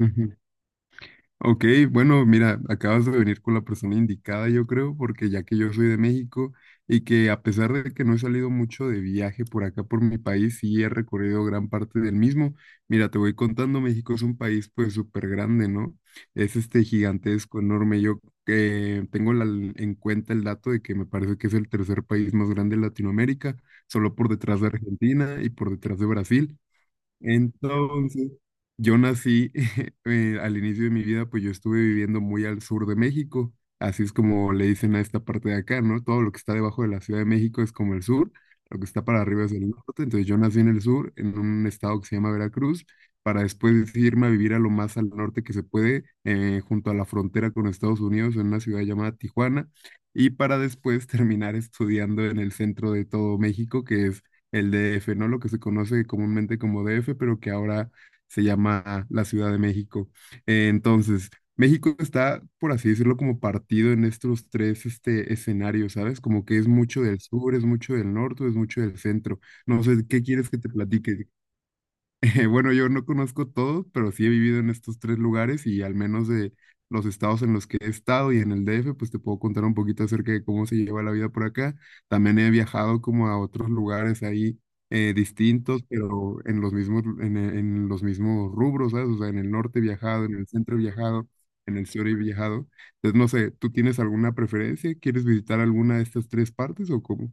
Ujú. Ok, bueno, mira, acabas de venir con la persona indicada, yo creo, porque ya que yo soy de México y que a pesar de que no he salido mucho de viaje por acá, por mi país, sí he recorrido gran parte del mismo. Mira, te voy contando, México es un país pues súper grande, ¿no? Es este gigantesco, enorme. Yo tengo en cuenta el dato de que me parece que es el tercer país más grande de Latinoamérica, solo por detrás de Argentina y por detrás de Brasil. Entonces, yo nací al inicio de mi vida, pues yo estuve viviendo muy al sur de México, así es como le dicen a esta parte de acá, ¿no? Todo lo que está debajo de la Ciudad de México es como el sur, lo que está para arriba es el norte, entonces yo nací en el sur, en un estado que se llama Veracruz, para después irme a vivir a lo más al norte que se puede, junto a la frontera con Estados Unidos, en una ciudad llamada Tijuana, y para después terminar estudiando en el centro de todo México, que es el DF, ¿no? Lo que se conoce comúnmente como DF, pero que ahora se llama la Ciudad de México. Entonces, México está, por así decirlo, como partido en estos tres este, escenarios, ¿sabes? Como que es mucho del sur, es mucho del norte, es mucho del centro. No sé, ¿qué quieres que te platique? Bueno, yo no conozco todos, pero sí he vivido en estos tres lugares y al menos de los estados en los que he estado y en el DF, pues te puedo contar un poquito acerca de cómo se lleva la vida por acá. También he viajado como a otros lugares ahí distintos, pero en los mismos, en los mismos rubros, ¿sabes? O sea, en el norte he viajado, en el centro he viajado, en el sur he viajado. Entonces, no sé, ¿tú tienes alguna preferencia? ¿Quieres visitar alguna de estas tres partes o cómo?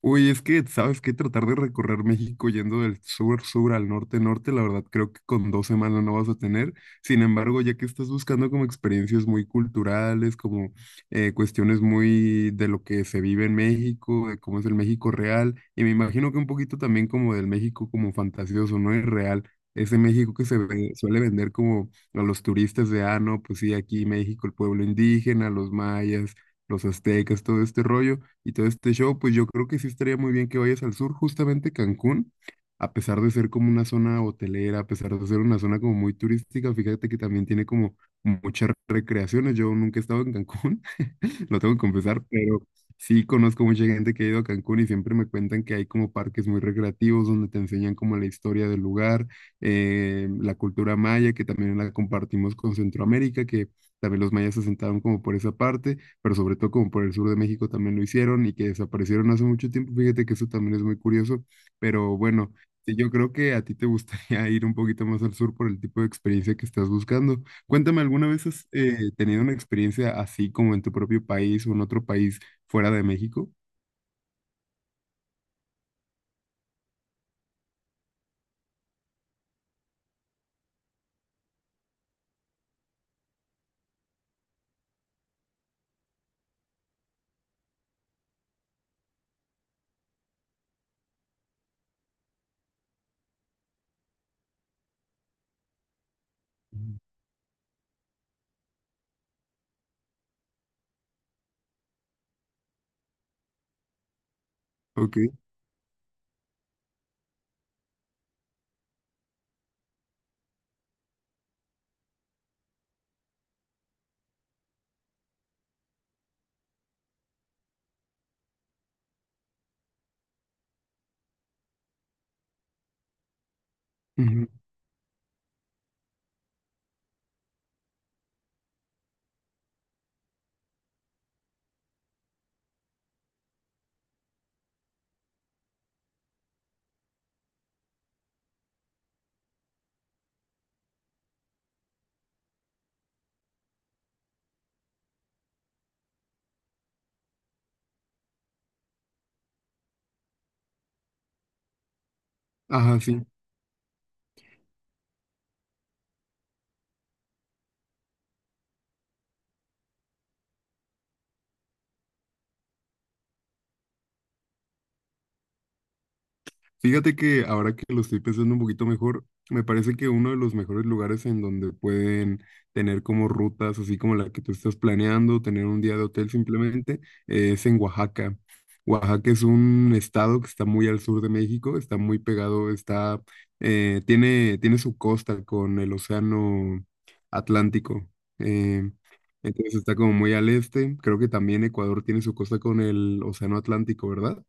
Uy, es que, ¿sabes qué? Tratar de recorrer México yendo del sur, sur al norte, norte, la verdad creo que con dos semanas no vas a tener. Sin embargo, ya que estás buscando como experiencias muy culturales, como cuestiones muy de lo que se vive en México, de cómo es el México real, y me imagino que un poquito también como del México como fantasioso, no es real. Ese México que suele vender como a los turistas de, ah, no, pues sí, aquí México, el pueblo indígena, los mayas, los aztecas, todo este rollo y todo este show, pues yo creo que sí estaría muy bien que vayas al sur, justamente Cancún, a pesar de ser como una zona hotelera, a pesar de ser una zona como muy turística, fíjate que también tiene como muchas recreaciones. Yo nunca he estado en Cancún, lo tengo que confesar, pero sí conozco mucha gente que ha ido a Cancún y siempre me cuentan que hay como parques muy recreativos donde te enseñan como la historia del lugar, la cultura maya, que también la compartimos con Centroamérica, que también los mayas se sentaron como por esa parte, pero sobre todo como por el sur de México también lo hicieron y que desaparecieron hace mucho tiempo. Fíjate que eso también es muy curioso, pero bueno, sí, yo creo que a ti te gustaría ir un poquito más al sur por el tipo de experiencia que estás buscando. Cuéntame, ¿alguna vez has tenido una experiencia así como en tu propio país o en otro país fuera de México? Mm. Ok. Ujú. Ajá, sí. Fíjate que ahora que lo estoy pensando un poquito mejor, me parece que uno de los mejores lugares en donde pueden tener como rutas, así como la que tú estás planeando, tener un día de hotel simplemente, es en Oaxaca. Oaxaca es un estado que está muy al sur de México, está muy pegado, está, tiene, tiene su costa con el océano Atlántico. eh, entonces está como muy al este. Creo que también Ecuador tiene su costa con el océano Atlántico, ¿verdad?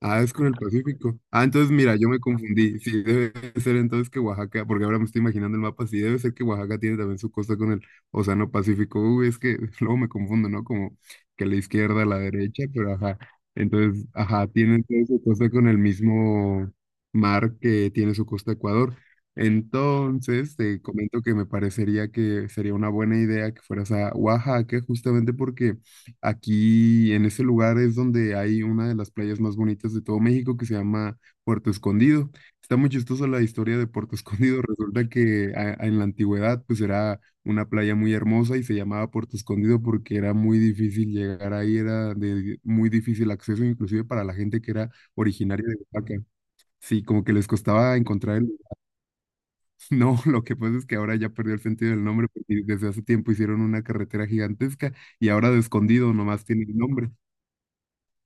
Ah, es con el Pacífico. Ah, entonces mira, yo me confundí. Sí, debe ser entonces que Oaxaca, porque ahora me estoy imaginando el mapa, sí, debe ser que Oaxaca tiene también su costa con el Océano Pacífico. Uy, es que luego me confundo, ¿no? Como que la izquierda, la derecha, pero ajá. Entonces, ajá, tiene entonces su costa con el mismo mar que tiene su costa Ecuador. Entonces, te comento que me parecería que sería una buena idea que fueras a Oaxaca, justamente porque aquí en ese lugar es donde hay una de las playas más bonitas de todo México que se llama Puerto Escondido. Está muy chistosa la historia de Puerto Escondido. Resulta que en la antigüedad pues era una playa muy hermosa y se llamaba Puerto Escondido porque era muy difícil llegar ahí, era de muy difícil acceso inclusive para la gente que era originaria de Oaxaca. Sí, como que les costaba encontrar el... No, lo que pasa es que ahora ya perdió el sentido del nombre porque desde hace tiempo hicieron una carretera gigantesca y ahora de Escondido nomás tiene el nombre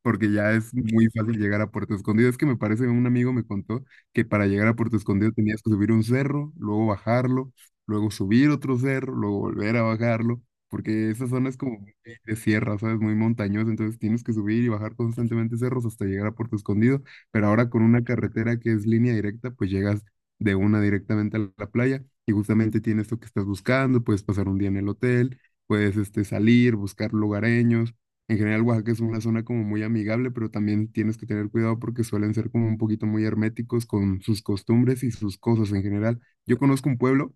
porque ya es muy fácil llegar a Puerto Escondido. Es que me parece, un amigo me contó que para llegar a Puerto Escondido tenías que subir un cerro, luego bajarlo, luego subir otro cerro, luego volver a bajarlo, porque esa zona es como muy de sierra, ¿sabes? Muy montañosa, entonces tienes que subir y bajar constantemente cerros hasta llegar a Puerto Escondido, pero ahora con una carretera que es línea directa, pues llegas de una directamente a la playa y justamente tienes lo que estás buscando, puedes pasar un día en el hotel, puedes este, salir, buscar lugareños en general. Oaxaca es una zona como muy amigable, pero también tienes que tener cuidado porque suelen ser como un poquito muy herméticos con sus costumbres y sus cosas en general. Yo conozco un pueblo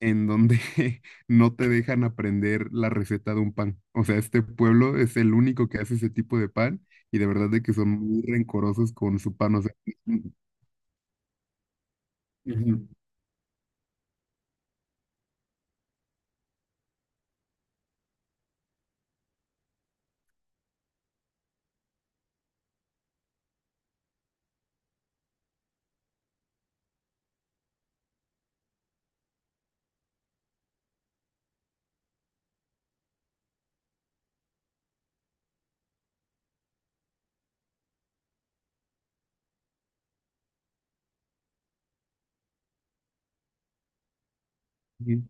en donde no te dejan aprender la receta de un pan. O sea, este pueblo es el único que hace ese tipo de pan y de verdad de que son muy rencorosos con su pan. O sea, ujú, ujú.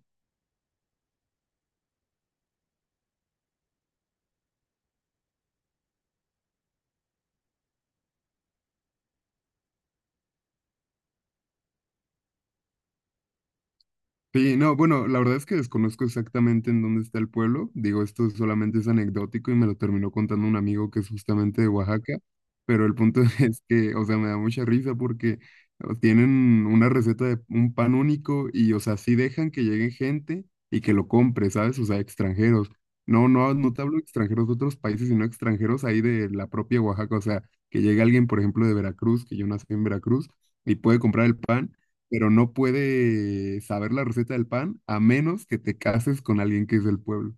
Sí, no, bueno, la verdad es que desconozco exactamente en dónde está el pueblo. Digo, esto solamente es anecdótico y me lo terminó contando un amigo que es justamente de Oaxaca. Pero el punto es que, o sea, me da mucha risa porque tienen una receta de un pan único y, o sea, sí dejan que llegue gente y que lo compre, ¿sabes? O sea, extranjeros. No, no, no te hablo de extranjeros de otros países, sino extranjeros ahí de la propia Oaxaca. O sea, que llegue alguien, por ejemplo, de Veracruz, que yo nací en Veracruz, y puede comprar el pan pero no puede saber la receta del pan a menos que te cases con alguien que es del pueblo.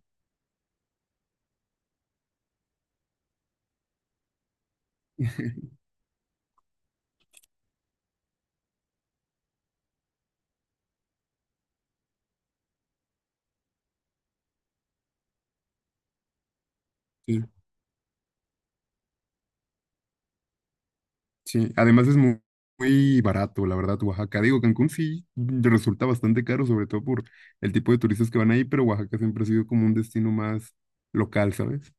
Sí, sí. Además es muy barato, la verdad, Oaxaca. Digo, Cancún sí resulta bastante caro, sobre todo por el tipo de turistas que van ahí, pero Oaxaca siempre ha sido como un destino más local, ¿sabes?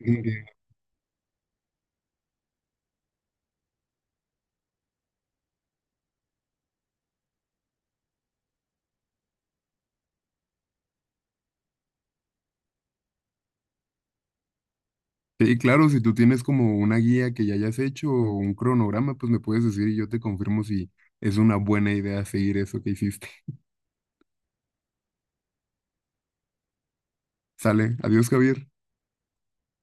Entiendo. Sí, claro, si tú tienes como una guía que ya hayas hecho o un cronograma, pues me puedes decir y yo te confirmo si es una buena idea seguir eso que hiciste. Sale, adiós, Javier.